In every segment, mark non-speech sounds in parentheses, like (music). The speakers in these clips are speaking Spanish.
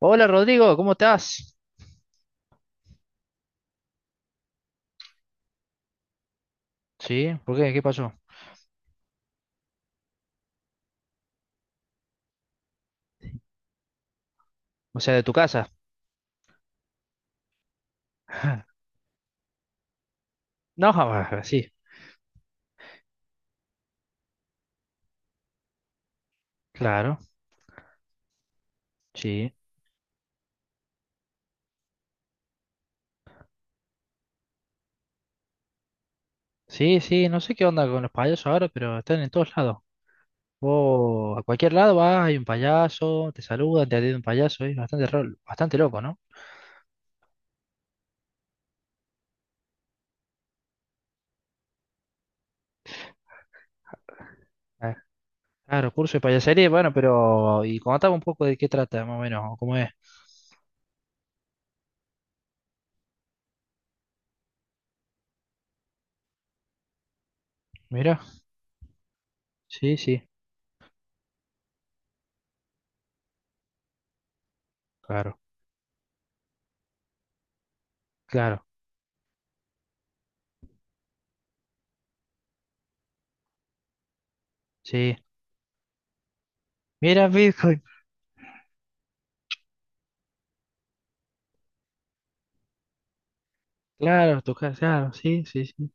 Hola Rodrigo, ¿cómo estás? Sí, ¿por qué? ¿Qué pasó? O sea, de tu casa. (laughs) No, ah, sí, claro, sí. Sí, sí, no sé qué onda con los payasos ahora, pero están en todos lados. Vos a cualquier lado vas, hay un payaso, te saludan, te atiende un payaso, es bastante, bastante loco, ¿no? Ah, claro, curso de payasería, bueno, pero... Y contame un poco de qué trata, más o menos, o cómo es. Mira, sí, sí, claro, claro, sí. Mira, Bitcoin, claro, tu casa, claro, sí, sí, sí.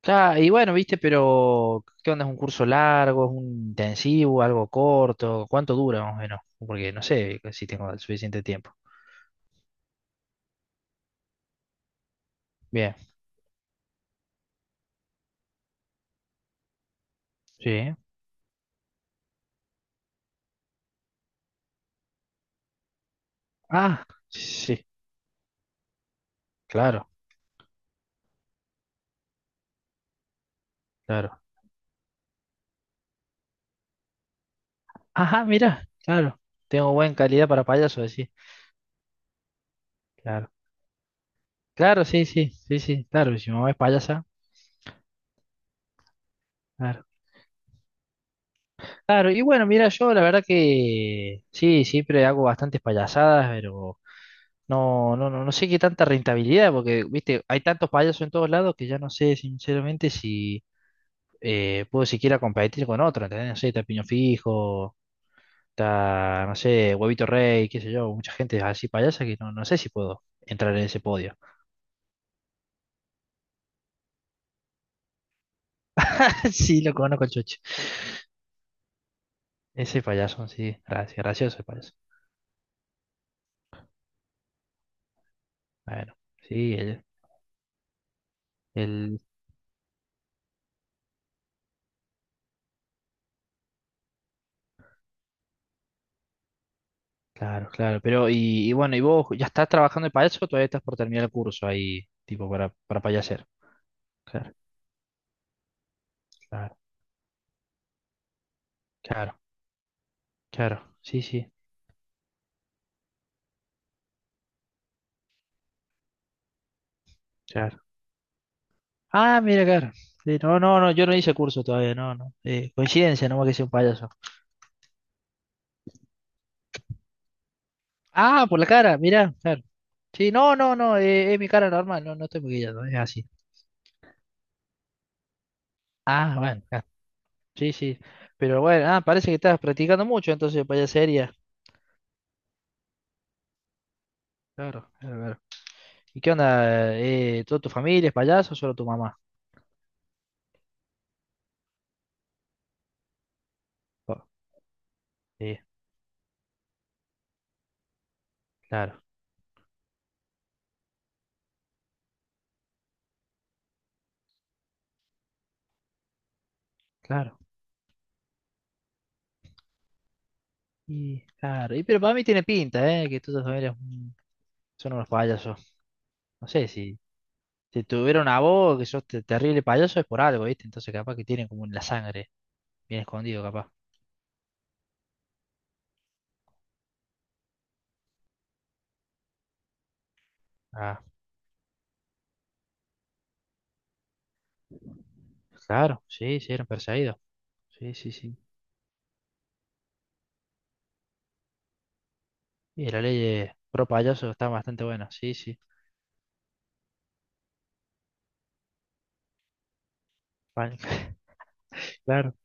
Claro, y bueno, viste, pero ¿qué onda? ¿Es un curso largo? ¿Es un intensivo? ¿Algo corto? ¿Cuánto dura más o menos? Porque no sé si tengo el suficiente tiempo. Bien, sí. Ah, sí, claro, claro. Ajá, mira, claro. Tengo buena calidad para payaso, sí. Claro. Claro, sí, sí, sí, sí, claro. Si mi mamá es payasa, claro. Claro, y bueno, mira, yo la verdad que sí, siempre hago bastantes payasadas, pero. No, no, no, no sé qué tanta rentabilidad, porque, viste, hay tantos payasos en todos lados que ya no sé, sinceramente, si puedo siquiera competir con otro, ¿entendés? No sé, está Piño Fijo, está, no sé, Huevito Rey, qué sé yo, mucha gente así payasa que no, no sé si puedo entrar en ese podio. (laughs) Sí, lo conozco, el Chocho. Ese payaso, sí, gracias, gracioso el payaso. Bueno, sí, el, el- claro, claro, pero, y bueno, ¿y vos ya estás trabajando de payaso o todavía estás por terminar el curso ahí, tipo, para payaser? Claro. Claro. Claro, claro, sí, sí, claro. Ah, mira, claro. Sí, no, no, no, yo no hice curso todavía, no, no. Coincidencia, nomás que sea un payaso. Ah, por la cara, mira, claro. Sí, no, no, no, es mi cara normal, no, no estoy maquillado, es así. Ah, bueno, claro. Sí, sí. Pero bueno, ah, parece que estás practicando mucho entonces payasería. Claro, claro, claro. ¿Y qué onda? ¿Toda tu familia es payaso o solo tu mamá? Oh, sí, claro, claro. Y claro, y pero para mí tiene pinta, ¿eh? Que toda tu familia son unos payasos. No sé si te tuvieron a vos, que sos terrible payaso, es por algo, ¿viste? Entonces capaz que tienen como en la sangre, bien escondido capaz. Ah, claro, sí, sí, eran perseguidos. Sí, sí, sí. Y la ley de pro payaso está bastante buena, sí, sí. Vale. (laughs) Claro,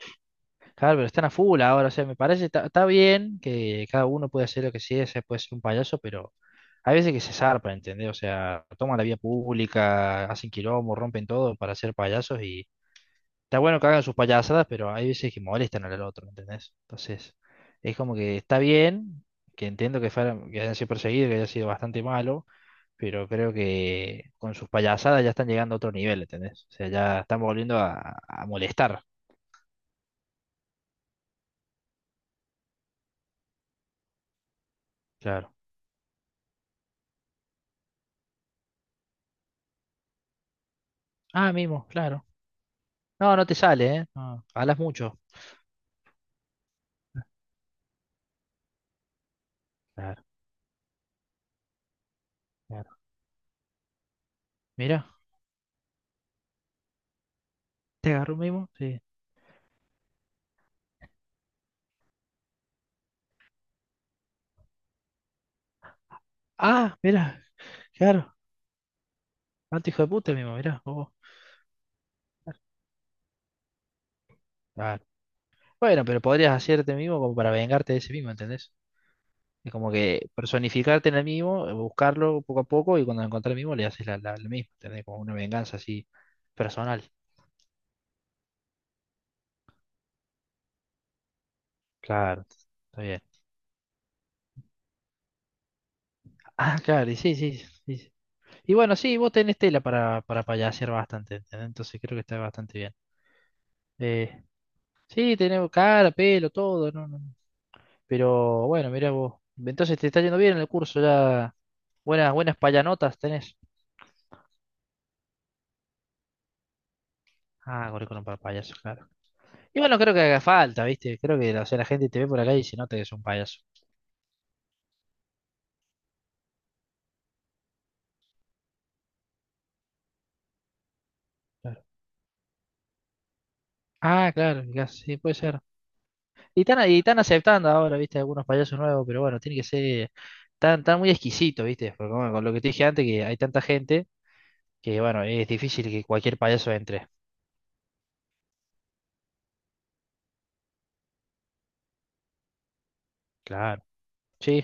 claro, pero están a full ahora, o sea, me parece, está está bien que cada uno puede hacer lo que sea, se puede ser un payaso, pero hay veces que se zarpan, ¿entendés? O sea, toman la vía pública, hacen quilombo, rompen todo para ser payasos. Está bueno que hagan sus payasadas, pero hay veces que molestan al otro, ¿entendés? Entonces, es como que está bien, que entiendo que, fueran, que hayan sido perseguidos, que haya sido bastante malo, pero creo que con sus payasadas ya están llegando a otro nivel, ¿entendés? O sea, ya están volviendo a molestar, claro. Ah, mimo, claro. No, no te sale, ¿eh? No, hablas mucho. Claro, claro. Mira, ¿te agarró un mimo? Sí. Ah, mira, claro. Tanto hijo de puta el mimo, mira. Claro. Bueno, pero podrías hacerte mimo como para vengarte de ese mimo, ¿entendés? Es como que personificarte en el mismo, buscarlo poco a poco y cuando lo encontrás el mismo le haces la, la, la misma. Tenés como una venganza así personal. Claro, está bien. Ah, claro, y sí, sí, sí, sí. Y bueno, sí, vos tenés tela para payasear bastante, ¿entendés? Entonces creo que está bastante bien. Eh, sí, tenés cara, pelo, todo, ¿no? No. No. Pero bueno, mirá vos. Entonces te está yendo bien en el curso, ya buenas, buenas payanotas tenés. Ah, currículum para payasos, claro. Y bueno, creo que haga falta, ¿viste? Creo que o sea, la gente te ve por acá y se nota que es un payaso. Claro. Ah, claro, mirá, sí, puede ser. Y están aceptando ahora, ¿viste? Algunos payasos nuevos, pero bueno, tiene que ser tan, tan muy exquisito, ¿viste? Porque bueno, con lo que te dije antes, que hay tanta gente que, bueno, es difícil que cualquier payaso entre. Claro, sí,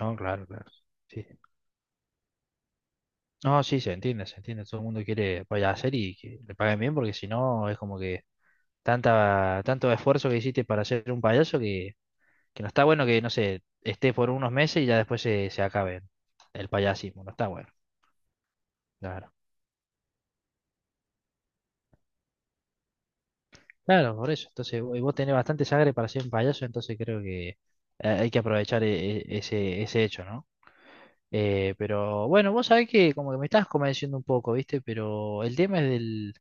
no, claro, claro. Sí. No, sí, se entiende, se entiende. Todo el mundo quiere hacer y que le paguen bien, porque si no, es como que tanta, tanto esfuerzo que hiciste para ser un payaso que no está bueno que, no sé, esté por unos meses y ya después se, se acabe el payasismo. No está bueno. Claro. Claro, por eso. Entonces, y vos tenés bastante sangre para ser un payaso, entonces creo que hay que aprovechar ese, ese hecho, ¿no? Pero bueno, vos sabés que como que me estás convenciendo un poco, ¿viste? Pero el tema es del,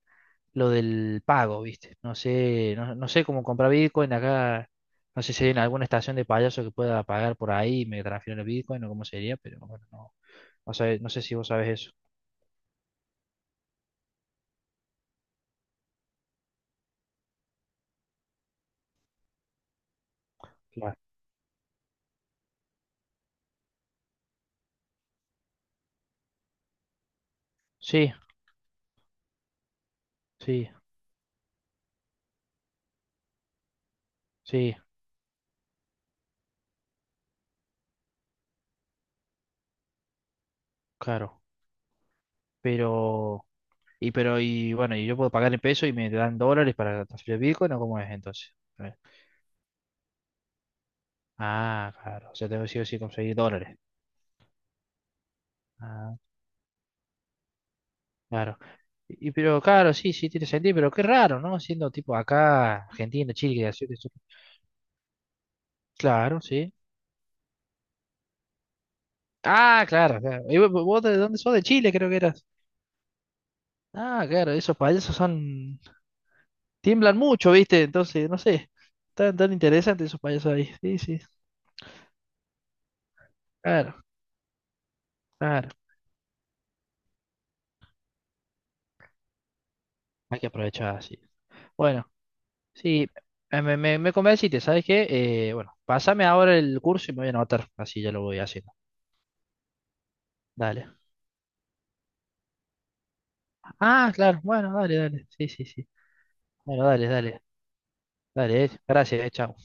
lo del pago, ¿viste? No sé, no, no sé cómo comprar Bitcoin acá. No sé si hay en alguna estación de payaso que pueda pagar por ahí y me transfieren el Bitcoin o cómo sería, pero bueno, no, no sé, no sé si vos sabés eso. Sí, sí, sí, claro. Pero, pero, y bueno, y yo puedo pagar en pesos y me dan dólares para transferir Bitcoin o cómo es entonces. A ah, claro. O sea, tengo que sí o sí conseguir dólares. Ah, claro. Y, pero, claro, sí, sí, tiene sentido, pero qué raro, ¿no? Siendo tipo acá, Argentina, Chile, que así- eso- claro, sí. Ah, claro, claro. ¿Y vos vos de dónde sos? De Chile, creo que eras. Ah, claro, esos payasos son, tiemblan mucho, ¿viste? Entonces, no sé. Tan, tan interesantes esos payasos ahí. Sí, sí. Claro. Claro. Hay que aprovechar así. Bueno, sí, me, me, me convenciste, ¿sabes qué? Bueno, pásame ahora el curso y me voy a anotar, así ya lo voy haciendo. Dale. Ah, claro, bueno, dale, dale. Sí, sí, sí. Bueno, dale, dale. Dale, gracias, chao.